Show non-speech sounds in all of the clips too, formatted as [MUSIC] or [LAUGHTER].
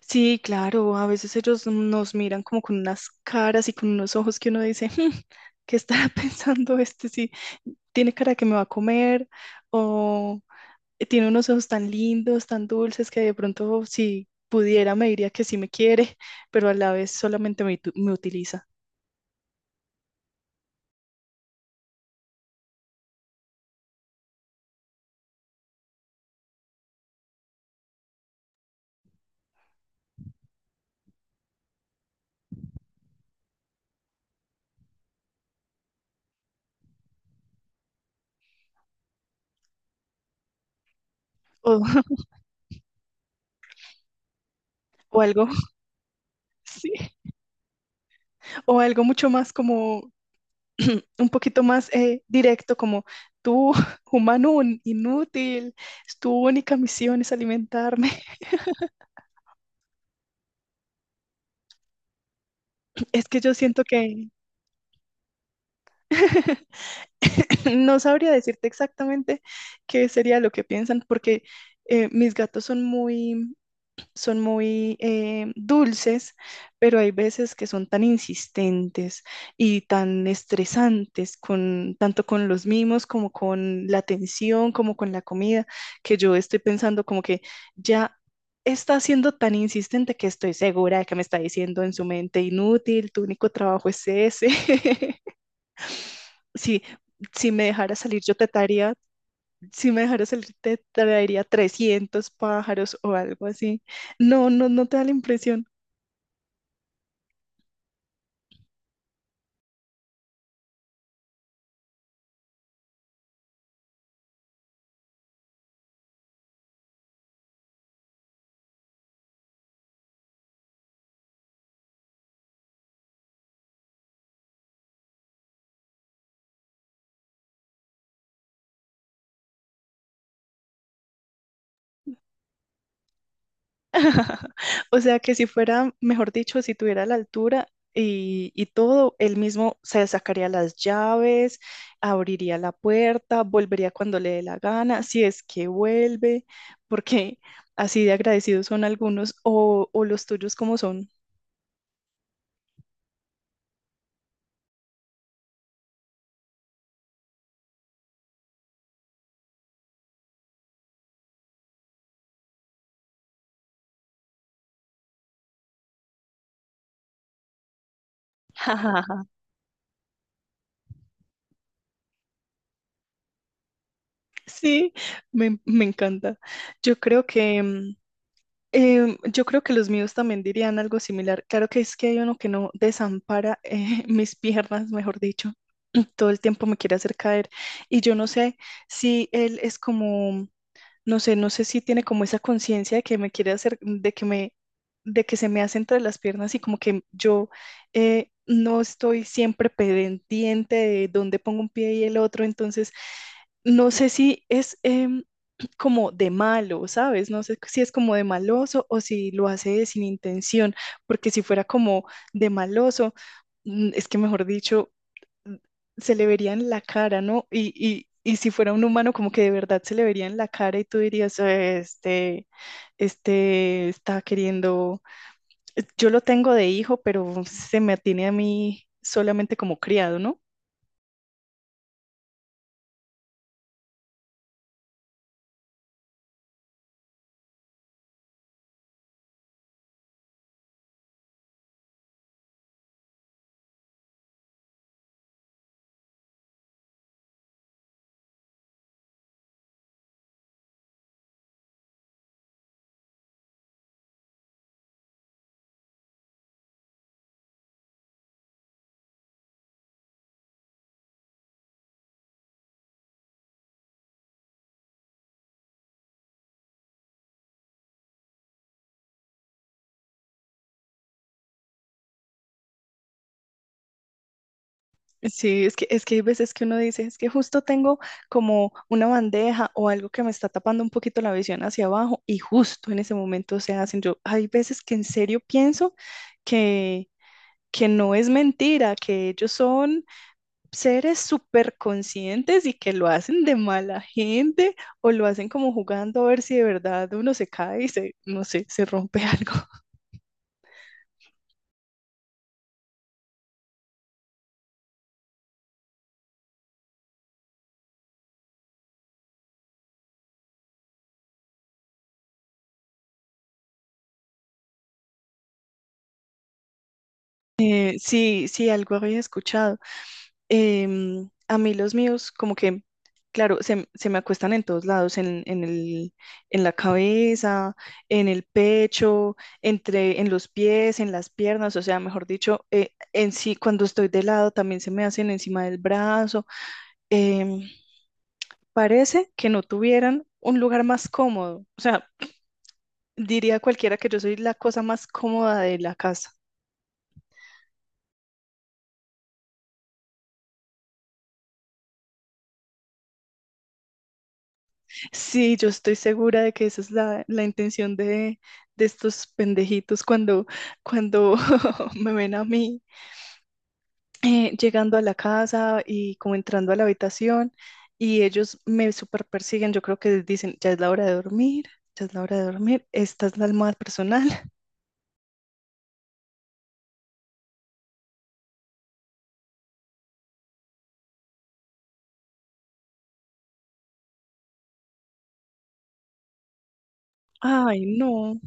Sí, claro, a veces ellos nos miran como con unas caras y con unos ojos que uno dice, "Hmm, ¿qué estará [LAUGHS] pensando este? Sí, tiene cara que me va a comer o tiene unos ojos tan lindos, tan dulces que de pronto si pudiera me diría que sí me quiere, pero a la vez solamente me, me utiliza. O, [LAUGHS] o algo, sí, o algo mucho más como, [CLEARS THROAT] un poquito más directo, como tú, [LAUGHS] humano inútil, tu única misión es alimentarme. Es que yo siento que [LAUGHS] no sabría decirte exactamente qué sería lo que piensan, porque mis gatos son muy dulces, pero hay veces que son tan insistentes y tan estresantes, con, tanto con los mimos como con la atención, como con la comida, que yo estoy pensando como que ya está siendo tan insistente que estoy segura de que me está diciendo en su mente, inútil, tu único trabajo es ese. [LAUGHS] Si, si me dejara salir, yo te traería, si me dejara salir, te traería 300 pájaros o algo así. No, no, no te da la impresión. O sea, que si fuera, mejor dicho, si tuviera la altura y todo, él mismo se sacaría las llaves, abriría la puerta, volvería cuando le dé la gana, si es que vuelve, porque así de agradecidos son algunos o los tuyos como son. [LAUGHS] Sí, me encanta. Yo creo que, mm, yo creo que los míos también dirían algo similar. Claro que es que hay uno que no desampara [LAUGHS] mis piernas, mejor dicho. [CLEARS THROAT] Todo el tiempo me quiere hacer caer. Y yo no sé si él es como, no sé, no sé si tiene como esa conciencia de que me quiere hacer, de que me, de que se me hace entre las piernas y como que yo no estoy siempre pendiente de dónde pongo un pie y el otro. Entonces, no sé si es como de malo, ¿sabes? No sé si es como de maloso o si lo hace sin intención, porque si fuera como de maloso, es que mejor dicho, mm, se le vería en la cara, ¿no? Y si fuera un humano, como que de verdad se le vería en la cara y tú dirías, Este, este está queriendo, yo lo tengo de hijo, pero se me atiene a mí solamente como criado, ¿no? Sí, es que hay veces que uno dice, es que justo tengo como una bandeja o algo que me está tapando un poquito la visión hacia abajo y justo en ese momento se hacen. Yo, hay veces que en serio pienso que, que no es mentira, que ellos son seres súper conscientes y que lo hacen de mala gente o lo hacen como jugando a ver si de verdad uno se cae y se, no sé, se rompe [LAUGHS] algo. Sí, sí, algo había escuchado. A mí los míos, como que, claro, se me acuestan en todos lados, en el, en la cabeza, en el pecho, entre, en los pies, en las piernas, o sea, mejor dicho, en sí, cuando estoy de lado, también se me hacen encima del brazo. Em, Parece que no tuvieran un lugar más cómodo, o sea, diría cualquiera que yo soy la cosa más cómoda de la casa. Sí, yo estoy segura de que esa es la, la intención de estos pendejitos cuando, cuando [LAUGHS] me ven a mí llegando a la casa y como entrando a la habitación y ellos me super persiguen. Yo creo que dicen, ya es la hora de dormir, ya es la hora de dormir, esta es la almohada personal. [LAUGHS] Ay, no.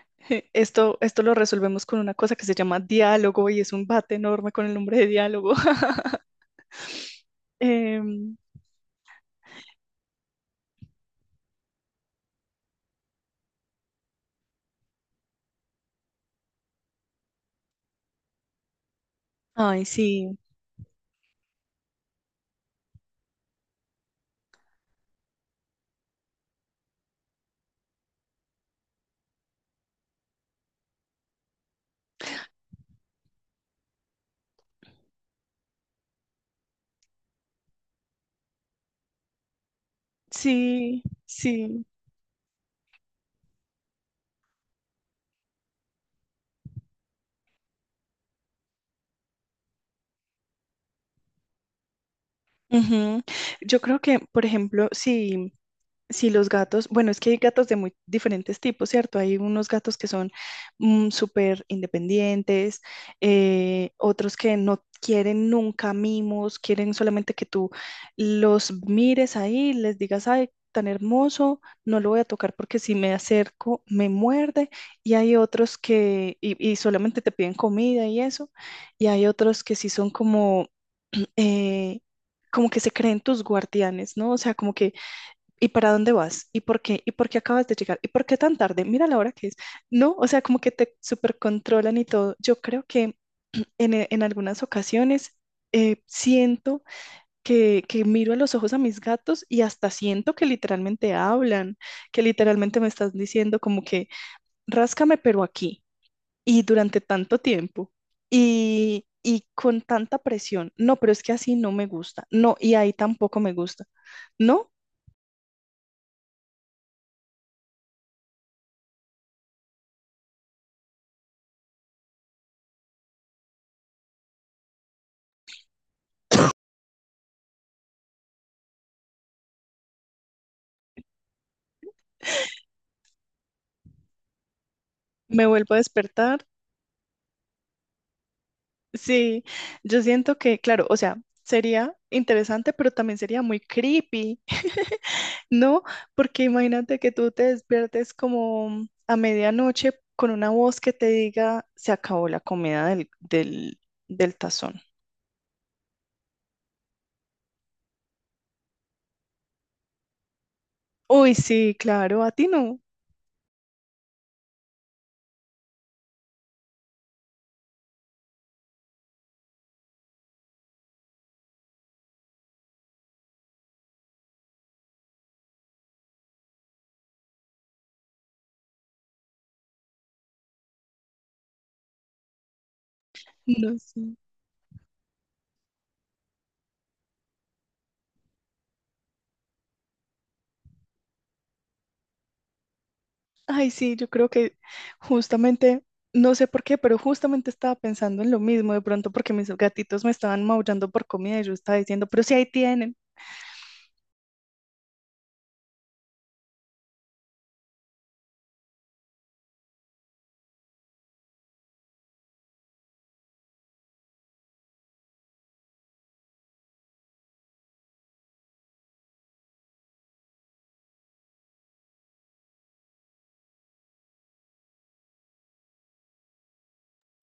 [LAUGHS] Esto lo resolvemos con una cosa que se llama diálogo y es un bate enorme con el nombre de diálogo. [LAUGHS] Em, Ay, sí, sí, sí. Ujú. Yo creo que, por ejemplo, si, si los gatos, bueno, es que hay gatos de muy diferentes tipos, ¿cierto? Hay unos gatos que son súper independientes, otros que no quieren nunca mimos, quieren solamente que tú los mires ahí, les digas, ay, tan hermoso, no lo voy a tocar porque si me acerco me muerde, y hay otros que, y solamente te piden comida y eso, y hay otros que sí son como eh, como que se creen tus guardianes, ¿no? O sea, como que, ¿y para dónde vas? ¿Y por qué? ¿Y por qué acabas de llegar? ¿Y por qué tan tarde? Mira la hora que es, ¿no? O sea, como que te supercontrolan y todo. Yo creo que en, en algunas ocasiones siento que miro a los ojos a mis gatos y hasta siento que literalmente hablan, que literalmente me están diciendo como que, ráscame, pero aquí y durante tanto tiempo y con tanta presión. No, pero es que así no me gusta. No, y ahí tampoco me gusta. No, me vuelvo a despertar. Sí, yo siento que, claro, o sea, sería interesante, pero también sería muy creepy, ¿no? Porque imagínate que tú te despiertes como a medianoche con una voz que te diga, se acabó la comida del, del, del tazón. Uy, sí, claro, a ti no. No sé. Ay, sí, yo creo que justamente, no sé por qué, pero justamente estaba pensando en lo mismo, de pronto porque mis gatitos me estaban maullando por comida y yo estaba diciendo, pero si ahí tienen,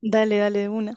dale, dale de una.